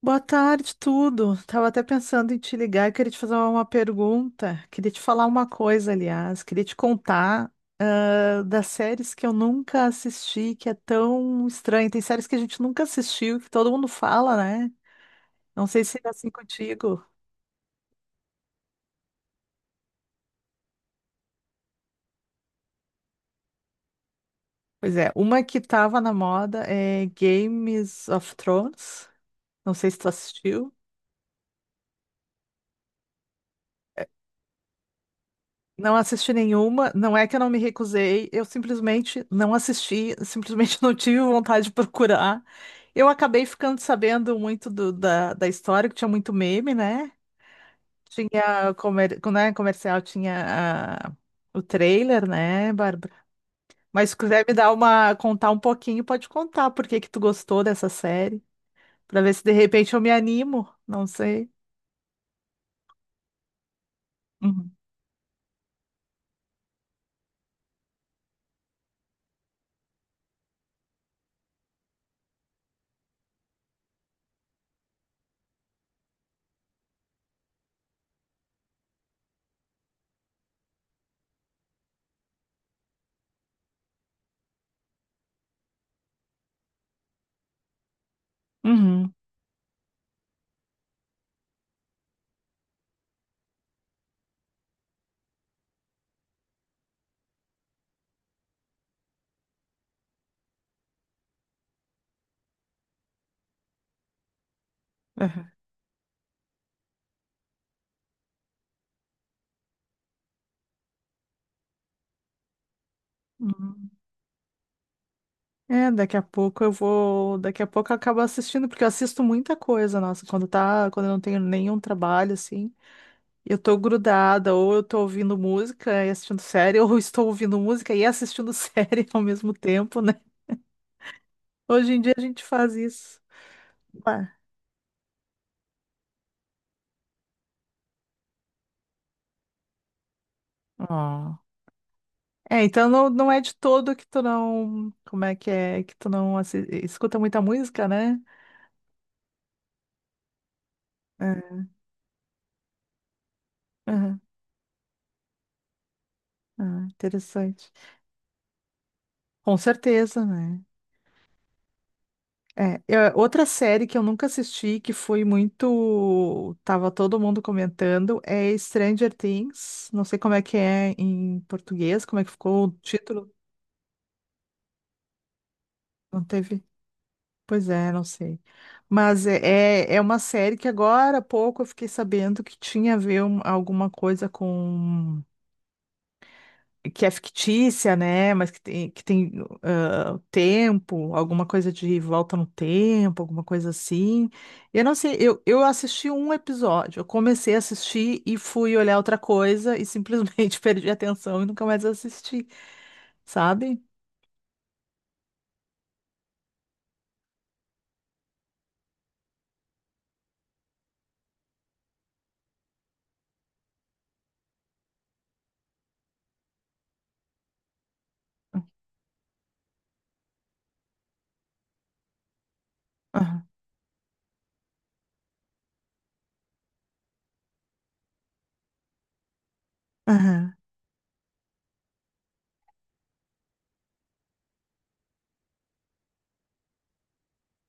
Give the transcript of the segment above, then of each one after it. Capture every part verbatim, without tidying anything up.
Boa tarde, tudo. Tava até pensando em te ligar, queria te fazer uma pergunta, queria te falar uma coisa, aliás, queria te contar ah, das séries que eu nunca assisti, que é tão estranho. Tem séries que a gente nunca assistiu, que todo mundo fala, né? Não sei se é assim contigo. Pois é, uma que tava na moda é Games of Thrones. Não sei se tu assistiu. Não assisti nenhuma, não é que eu não me recusei, eu simplesmente não assisti, simplesmente não tive vontade de procurar. Eu acabei ficando sabendo muito do- da, da história, que tinha muito meme, né? Tinha comer, né, comercial, tinha ah, o trailer, né, Bárbara? Mas se quiser me dar uma, contar um pouquinho, pode contar por que que tu gostou dessa série, para ver se de repente eu me animo, não sei. Uhum. Uhum. Uhum. É, daqui a pouco eu vou. Daqui a pouco eu acabo assistindo, porque eu assisto muita coisa, nossa. Quando tá, quando eu não tenho nenhum trabalho, assim, eu tô grudada, ou eu tô ouvindo música e assistindo série, ou eu estou ouvindo música e assistindo série ao mesmo tempo, né? Hoje em dia a gente faz isso. Ué. Ó. É, então não, não é de todo que tu não. Como é que é? Que tu não assi- escuta muita música, né? É. Aham. Ah, interessante. Com certeza, né? É, eu- outra série que eu nunca assisti, que foi muito. Tava todo mundo comentando, é Stranger Things. Não sei como é que é em português, como é que ficou o título. Não teve? Pois é, não sei. Mas é, é é uma série que agora há pouco eu fiquei sabendo que tinha a ver um- alguma coisa com. Que é fictícia, né? Mas que tem, que tem ah, tempo, alguma coisa de volta no tempo, alguma coisa assim. Eu não sei, eu, eu assisti um episódio, eu comecei a assistir e fui olhar outra coisa e simplesmente perdi a atenção e nunca mais assisti, sabe? Aham, aham,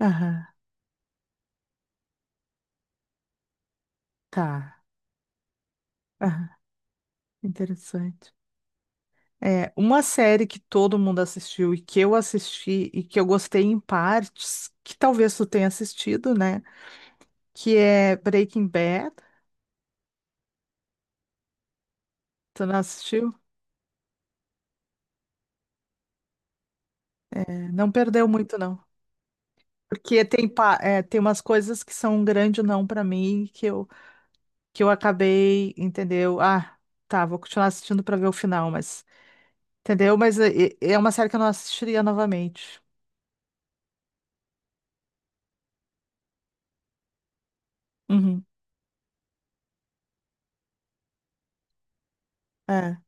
aham, tá. Aham, interessante. É, uma série que todo mundo assistiu e que eu assisti e que eu gostei em partes, que talvez tu tenha assistido, né? Que é Breaking Bad. Tu não assistiu? É, não perdeu muito, não. Porque tem, pa- é, tem umas coisas que são um grande não pra mim que eu, que eu acabei, entendeu? Ah, tá, vou continuar assistindo pra ver o final, mas. Entendeu? Mas é, é é uma série que eu não assistiria novamente. Uhum. É.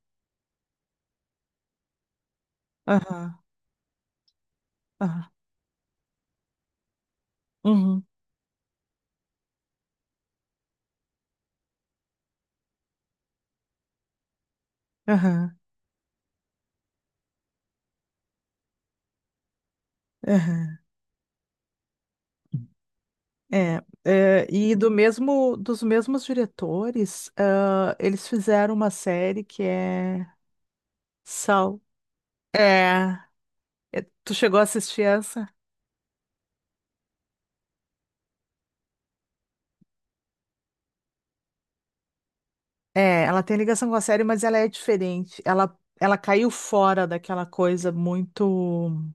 Aham. Aham. Uhum. Aham. Aham. É, é, e do mesmo, dos mesmos diretores, ah, eles fizeram uma série que é Saul. É, tu chegou a assistir essa? É, ela tem ligação com a série, mas ela é diferente. Ela, ela caiu fora daquela coisa muito.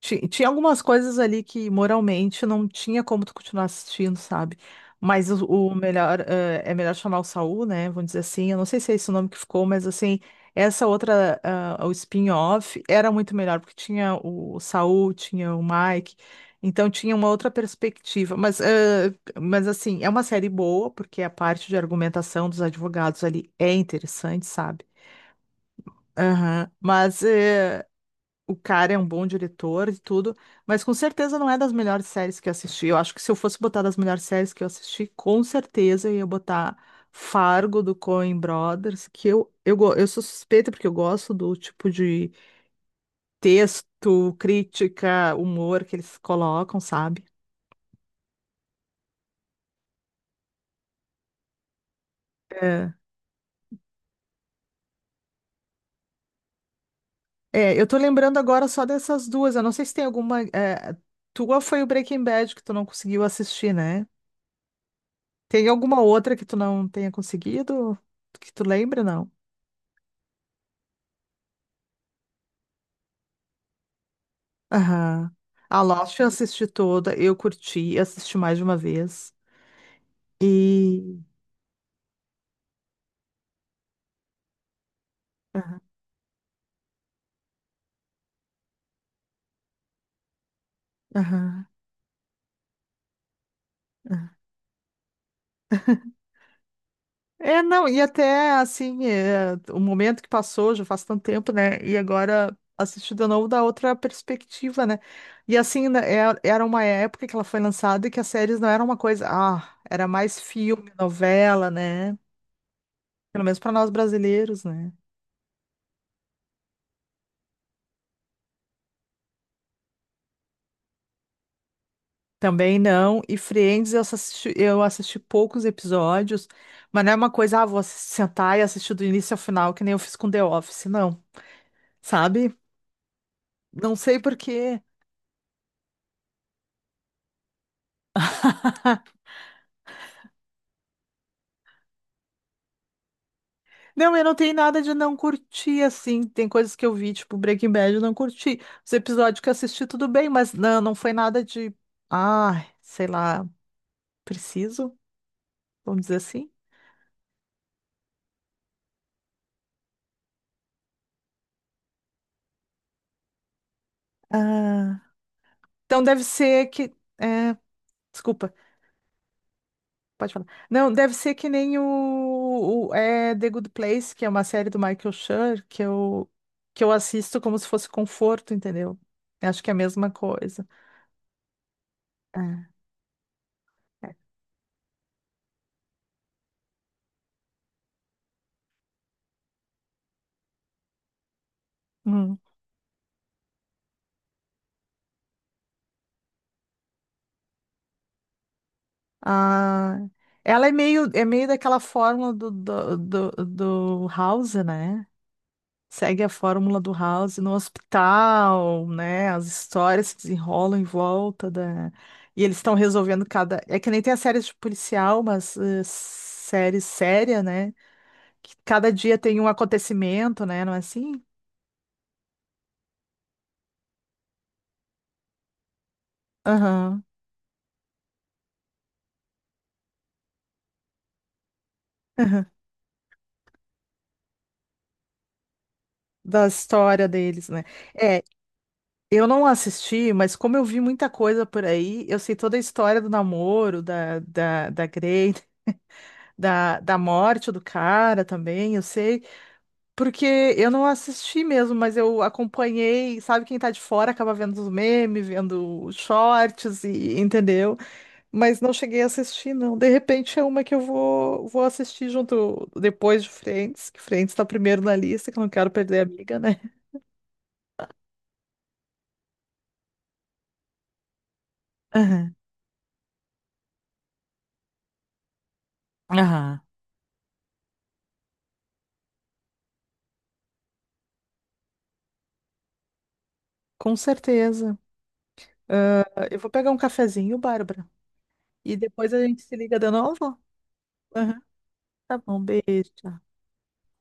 Ti- Tinha algumas coisas ali que moralmente não tinha como tu continuar assistindo, sabe? Mas o, o melhor, eh, é melhor chamar o Saul, né? Vamos dizer assim. Eu não sei se é esse o nome que ficou, mas assim, essa outra, ah, o spin-off, era muito melhor, porque tinha o Saul, tinha o Mike, então tinha uma outra perspectiva. Mas, eh, mas assim, é uma série boa, porque a parte de argumentação dos advogados ali é interessante, sabe? Aham, mas eh, o cara é um bom diretor e tudo, mas com certeza não é das melhores séries que eu assisti. Eu acho que se eu fosse botar das melhores séries que eu assisti, com certeza eu ia botar Fargo do Coen Brothers, que eu, eu, go- eu sou suspeita porque eu gosto do tipo de texto, crítica, humor que eles colocam, sabe? É, é, eu tô lembrando agora só dessas duas. Eu não sei se tem alguma. É, tua foi o Breaking Bad que tu não conseguiu assistir, né? Tem alguma outra que tu não tenha conseguido? Que tu lembra, não? Aham. A Lost eu assisti toda, eu curti, assisti mais de uma vez. E. Aham, aham, aham. É, não, e até assim, é, o momento que passou já faz tanto tempo, né? E agora assisti de novo da outra perspectiva, né? E assim, né, é- era uma época que ela foi lançada e que as séries não eram uma coisa, ah, era mais filme, novela, né? Pelo menos para nós brasileiros, né? Também não. E Friends, eu assisti, eu assisti poucos episódios, mas não é uma coisa, ah, vou assis- sentar e assistir do início ao final, que nem eu fiz com The Office, não. Sabe? Não sei por quê. Não, eu não tenho nada de não curtir, assim. Tem coisas que eu vi, tipo Breaking Bad, eu não curti. Os episódios que eu assisti, tudo bem, mas não, não foi nada de, ah, sei lá, preciso, vamos dizer assim. Ah, então deve ser que. É, desculpa. Pode falar. Não, deve ser que nem o, o- é, The Good Place, que é uma série do Michael Schur, que eu, que eu assisto como se fosse conforto, entendeu? Eu acho que é a mesma coisa. É, é. Hum. Ah, ela é meio, é meio daquela fórmula do, do, do, do House, né? Segue a fórmula do House no hospital, né? As histórias se desenrolam em volta da. E eles estão resolvendo cada. É que nem tem as séries de policial, mas eh, série séria, né? Que cada dia tem um acontecimento, né? Não é assim? Aham. Aham. Da história deles, né? É, eu não assisti, mas como eu vi muita coisa por aí, eu sei toda a história do namoro, da, da, da Grey, da, da morte do cara também, eu sei. Porque eu não assisti mesmo, mas eu acompanhei, sabe, quem tá de fora acaba vendo os memes, vendo os shorts e entendeu? Mas não cheguei a assistir, não. De repente é uma que eu vou, vou assistir junto depois de Friends, que Friends tá primeiro na lista, que eu não quero perder a amiga, né? Aham. Aham. Com certeza. Ah, eu vou pegar um cafezinho, Bárbara. E depois a gente se liga de novo? Aham. Tá bom, beijo.